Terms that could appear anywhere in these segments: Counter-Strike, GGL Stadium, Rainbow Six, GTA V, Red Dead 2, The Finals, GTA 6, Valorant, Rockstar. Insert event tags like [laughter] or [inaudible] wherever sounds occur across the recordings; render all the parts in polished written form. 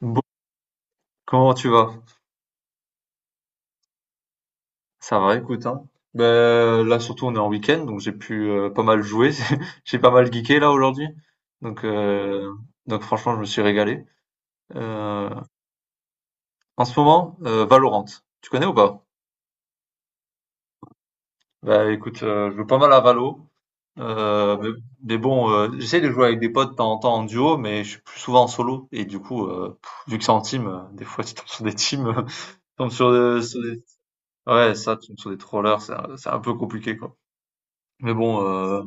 Bon, comment tu vas? Ça va, écoute, hein. Ben, là, surtout, on est en week-end, donc j'ai pu pas mal jouer. [laughs] J'ai pas mal geeké, là, aujourd'hui. Donc, euh, donc, franchement, je me suis régalé. Euh, En ce moment, Valorant. Tu connais ou pas? Ben écoute, je joue pas mal à Valo. Euh, mais, mais bon, j'essaie de jouer avec des potes de temps en temps en duo, mais je suis plus souvent en solo. Et du coup, vu que c'est en team, des fois, [laughs] tu tombes sur des teams, [laughs] tu tombes sur des... Ouais, ça, tu tombes sur des trollers, c'est un peu compliqué, quoi. Mais bon.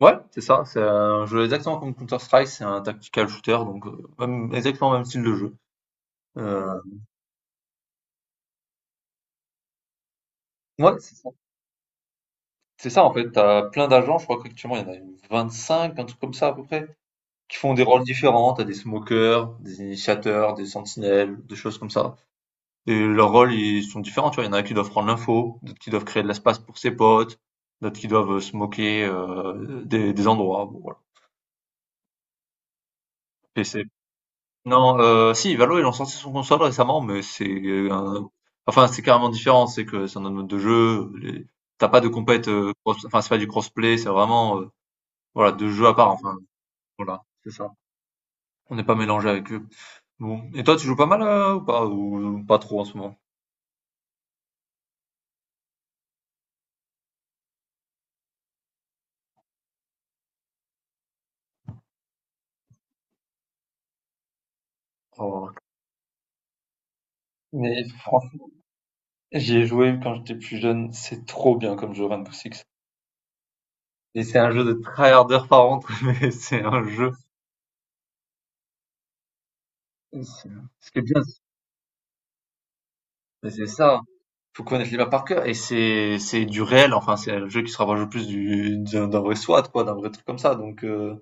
Ouais, c'est ça, c'est un jeu exactement comme Counter-Strike, c'est un tactical shooter, donc même exactement le même style de jeu. Heu, ouais, c'est ça. C'est ça, en fait, t'as plein d'agents, je crois qu'actuellement il y en a 25, un truc comme ça à peu près, qui font des rôles différents. T'as des smokers, des initiateurs, des sentinelles, des choses comme ça. Et leurs rôles, ils sont différents, tu vois, il y en a qui doivent prendre l'info, d'autres qui doivent créer de l'espace pour ses potes, d'autres qui doivent, smoker, des endroits, bon voilà. Et c'est Non, si, Valo, ils l'ont sorti son console récemment, mais c'est un, enfin, c'est carrément différent. C'est que c'est un autre mode de jeu, les tu pas de compète, cross, enfin, c'est pas du crossplay, c'est vraiment, voilà, 2 jeux à part, enfin, voilà, c'est ça. On n'est pas mélangé avec eux. Bon et toi, tu joues pas mal, ou pas? Ou pas trop en ce moment? Oh, mais franchement, j'y ai joué quand j'étais plus jeune, c'est trop bien comme jeu Rainbow Six. Et c'est un jeu de tryharder par contre, [laughs] mais c'est un jeu c'est ce qui est bien, mais c'est ça. Faut connaître les maps par cœur et c'est du réel, enfin c'est un jeu qui se rapproche le plus du d'un d'un vrai SWAT, quoi, d'un vrai truc comme ça, donc euh,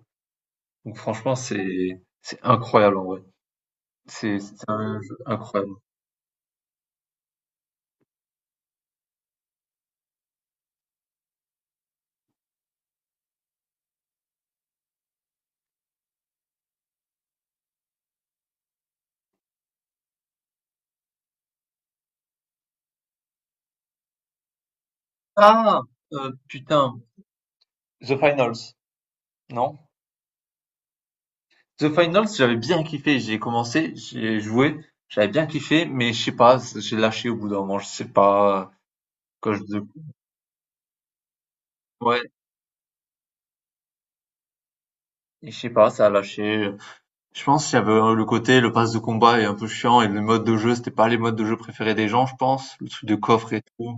donc franchement c'est incroyable, en vrai c'est un jeu incroyable. ah Putain, The Finals, non. The Finals, j'avais bien kiffé, j'ai commencé, j'ai joué, j'avais bien kiffé, mais je sais pas, j'ai lâché au bout d'un moment, je sais pas. Quand je Ouais, je sais pas, ça a lâché. Je pense qu'il y avait le côté, le pass de combat est un peu chiant et le mode de jeu, c'était pas les modes de jeu préférés des gens, je pense. Le truc de coffre et tout.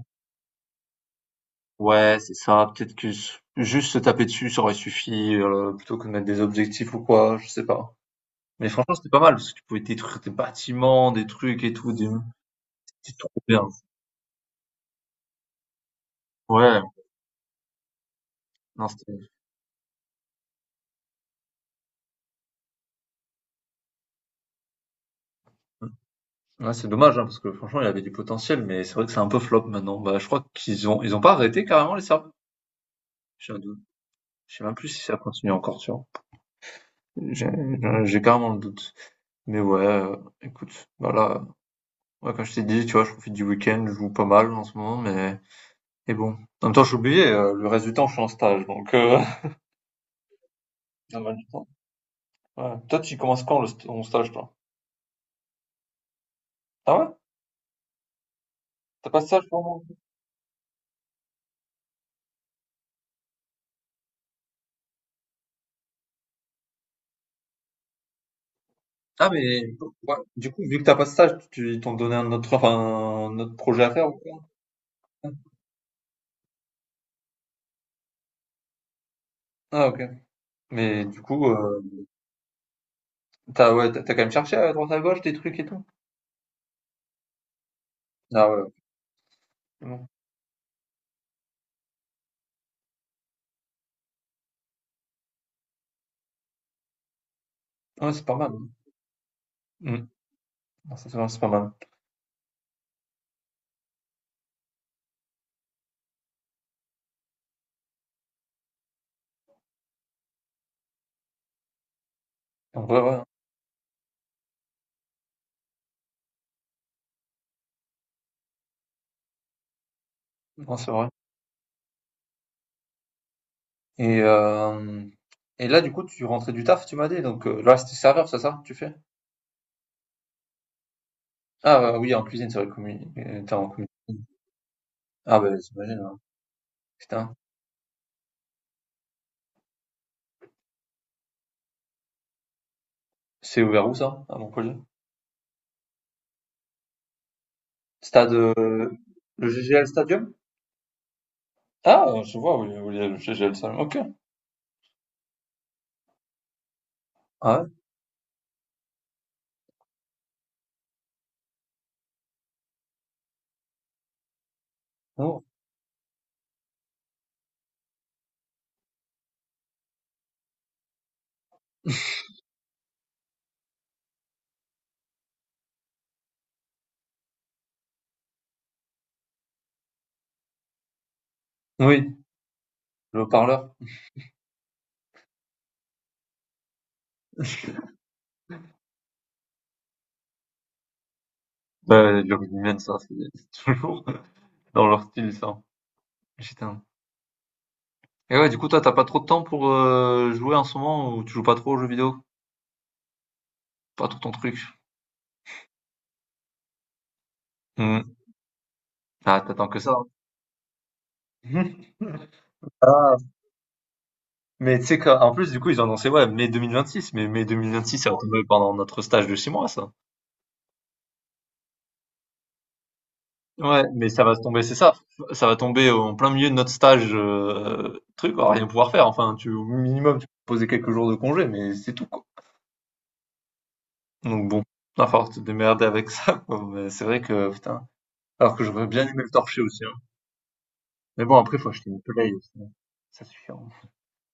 Ouais, c'est ça. Peut-être que juste se taper dessus, ça aurait suffi, plutôt que de mettre des objectifs ou quoi, je sais pas. Mais franchement, c'était pas mal, parce que tu pouvais détruire des bâtiments, des trucs et tout. C'était trop bien. Ouais, non, c'était. Ouais, c'est dommage, hein, parce que franchement, il avait du potentiel, mais c'est vrai que c'est un peu flop maintenant. Bah, je crois qu'ils ont pas arrêté carrément les serveurs. J'ai un doute. Je sais même plus si ça continue encore, tu vois. J'ai carrément le doute. Mais ouais, écoute, voilà, ouais, comme je t'ai dit, tu vois, je profite du week-end, je joue pas mal en ce moment, mais et bon. En même temps, j'ai oublié, le reste du temps, je suis en stage, donc [laughs] pas mal du temps. Ouais. Toi, tu commences quand le st ton stage, toi? Ah ouais? T'as pas de stage pour moi. Ah mais ouais, du coup, vu que t'as pas de stage, tu ils t'ont donné un autre, enfin, un autre projet à faire ou quoi? Ah OK. Mais du coup, tu ouais, t'as as quand même cherché à droite à gauche des trucs et tout? Ah ouais, ok, ouais, c'est pas mal, hein. Mmh. Ah ça, c'est pas mal. En vrai, ouais, hein. Non, c'est vrai. Et, hem et là, du coup, tu rentrais du taf, tu m'as dit, donc là, c'était serveur, c'est ça, tu fais? Oui, en cuisine, c'est vrai, communi tu en cuisine. Ah bah, j'imagine, ouais. Putain, c'est ouvert où ça, à Montpellier? Stade, le GGL Stadium? Je vois où il y a le GGL Stadium, OK. Ah ouais? Oh. [laughs] Oui, le haut-parleur. Bah, les rugbymen, ça, c'est toujours [laughs] dans leur style, ça. Putain. Et ouais, du coup, toi, t'as pas trop de temps pour, jouer en ce moment ou tu joues pas trop aux jeux vidéo? Pas trop ton truc? Mmh. Ah, t'attends que ça. [laughs] Ah, mais tu sais qu'en plus, du coup, ils ont annoncé, ouais, mai 2026, mais mai 2026, ça va tomber pendant notre stage de 6 mois, ça. Ouais, mais ça va se tomber, c'est ça, ça va tomber en plein milieu de notre stage, truc, on va rien pouvoir faire, enfin, au minimum, tu peux poser quelques jours de congé, mais c'est tout, quoi. Donc bon, il va falloir te démerder avec ça, quoi, mais c'est vrai que, putain, alors que j'aurais bien aimé le torcher aussi, hein. Mais bon, après, faut acheter une Play aussi, ça c'est chiant.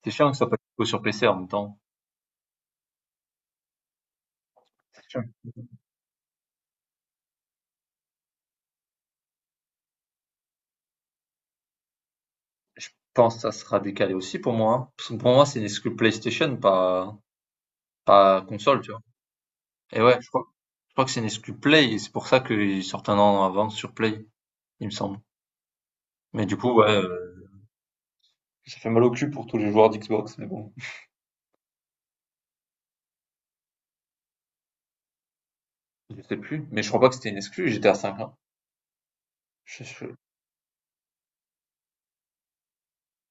C'est chiant que ce soit pas dispo sur PC en même temps, c'est chiant. Je pense que ça sera décalé aussi pour moi, hein. Parce que pour moi, c'est une exclu PlayStation, pas console, tu vois. Et ouais, je crois que c'est une exclu Play, et c'est pour ça qu'ils sortent un an avant sur Play, il me semble. Mais du coup, ouais, ça fait mal au cul pour tous les joueurs d'Xbox, mais bon. Je sais plus. Mais je crois pas que c'était une exclu, j'étais à 5 ans. Je- je-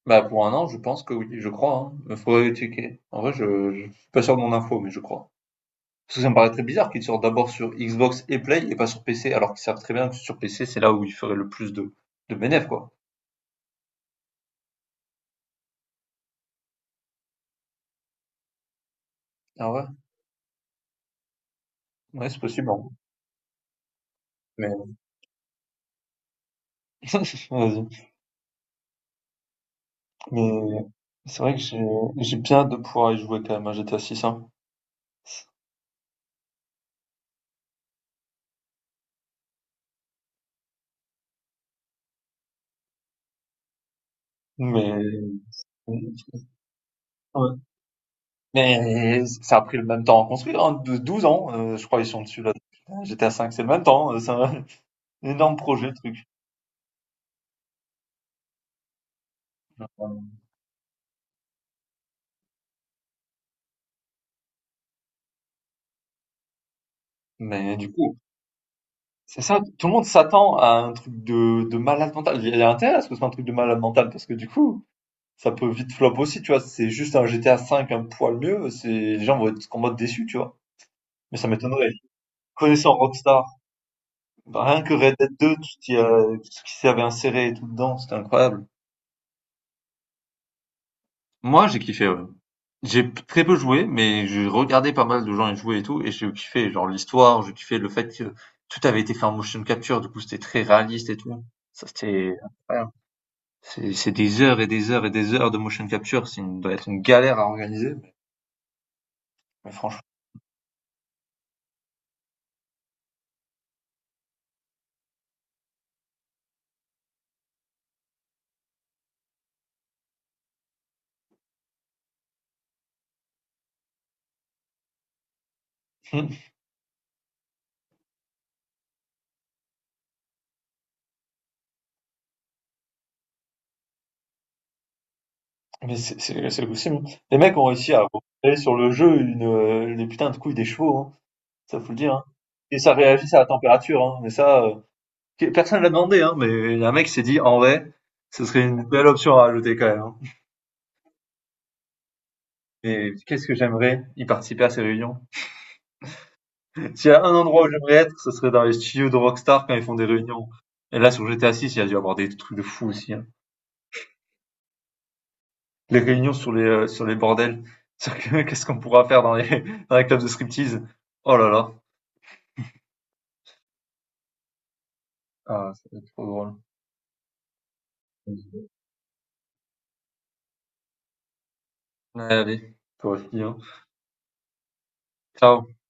Bah, pour un an, je pense que oui, je crois, hein. Il faudrait checker. En vrai, je suis pas sûr de mon info, mais je crois. Parce que ça me paraît très bizarre qu'ils sortent d'abord sur Xbox et Play et pas sur PC, alors qu'ils savent très bien que sur PC, c'est là où ils feraient le plus de bénéfices, quoi. Ah ouais? Ouais, c'est possible, hein. Mais, [laughs] vas-y. Mais, c'est vrai que j'ai bien hâte de pouvoir y jouer quand même à GTA 6, hein. Mais, ouais. Mais, ça a pris le même temps à construire, hein, de 12 ans, je crois qu'ils sont dessus là. Putain, GTA 5 c'est le même temps, c'est un [laughs] énorme projet, le truc. Mais du coup, c'est ça, tout le monde s'attend à un truc de malade mental. Il y a intérêt à ce que ce soit un truc de malade mental, parce que du coup, ça peut vite flop aussi, tu vois? C'est juste un GTA 5 un poil mieux, c'est les gens vont être en mode déçus, tu vois? Mais ça m'étonnerait. Connaissant Rockstar, bah, rien que Red Dead 2, tout ce qui s'avait inséré et tout dedans, c'était incroyable. Moi, j'ai kiffé, ouais. J'ai très peu joué, mais j'ai regardé pas mal de gens y jouer et tout, et j'ai kiffé, genre l'histoire, j'ai kiffé le fait que tout avait été fait en motion capture, du coup c'était très réaliste et tout. Ça c'était incroyable. C'est des heures et des heures et des heures de motion capture, doit être une galère à organiser, mais franchement. [laughs] Mais c'est possible, hein. Les mecs ont réussi à recréer sur le jeu les putains de couilles des chevaux, hein. Ça faut le dire, hein. Et ça réagissait à la température, hein. Mais personne l'a demandé, hein. Mais un mec s'est dit, en vrai, ce serait une belle option à rajouter quand même, hein. Mais qu'est-ce que j'aimerais y participer à ces réunions. S'il y a un endroit où j'aimerais être, ce serait dans les studios de Rockstar quand ils font des réunions. Et là, sur GTA 6, il y a dû avoir des trucs de fou aussi, hein. Les réunions sur les sur les bordels. [laughs] Qu'est-ce qu'on pourra faire dans les [laughs] dans les clubs de striptease. Oh là là. Ah, ça va être trop drôle. Ouais, allez. Toi aussi, hein. Ciao.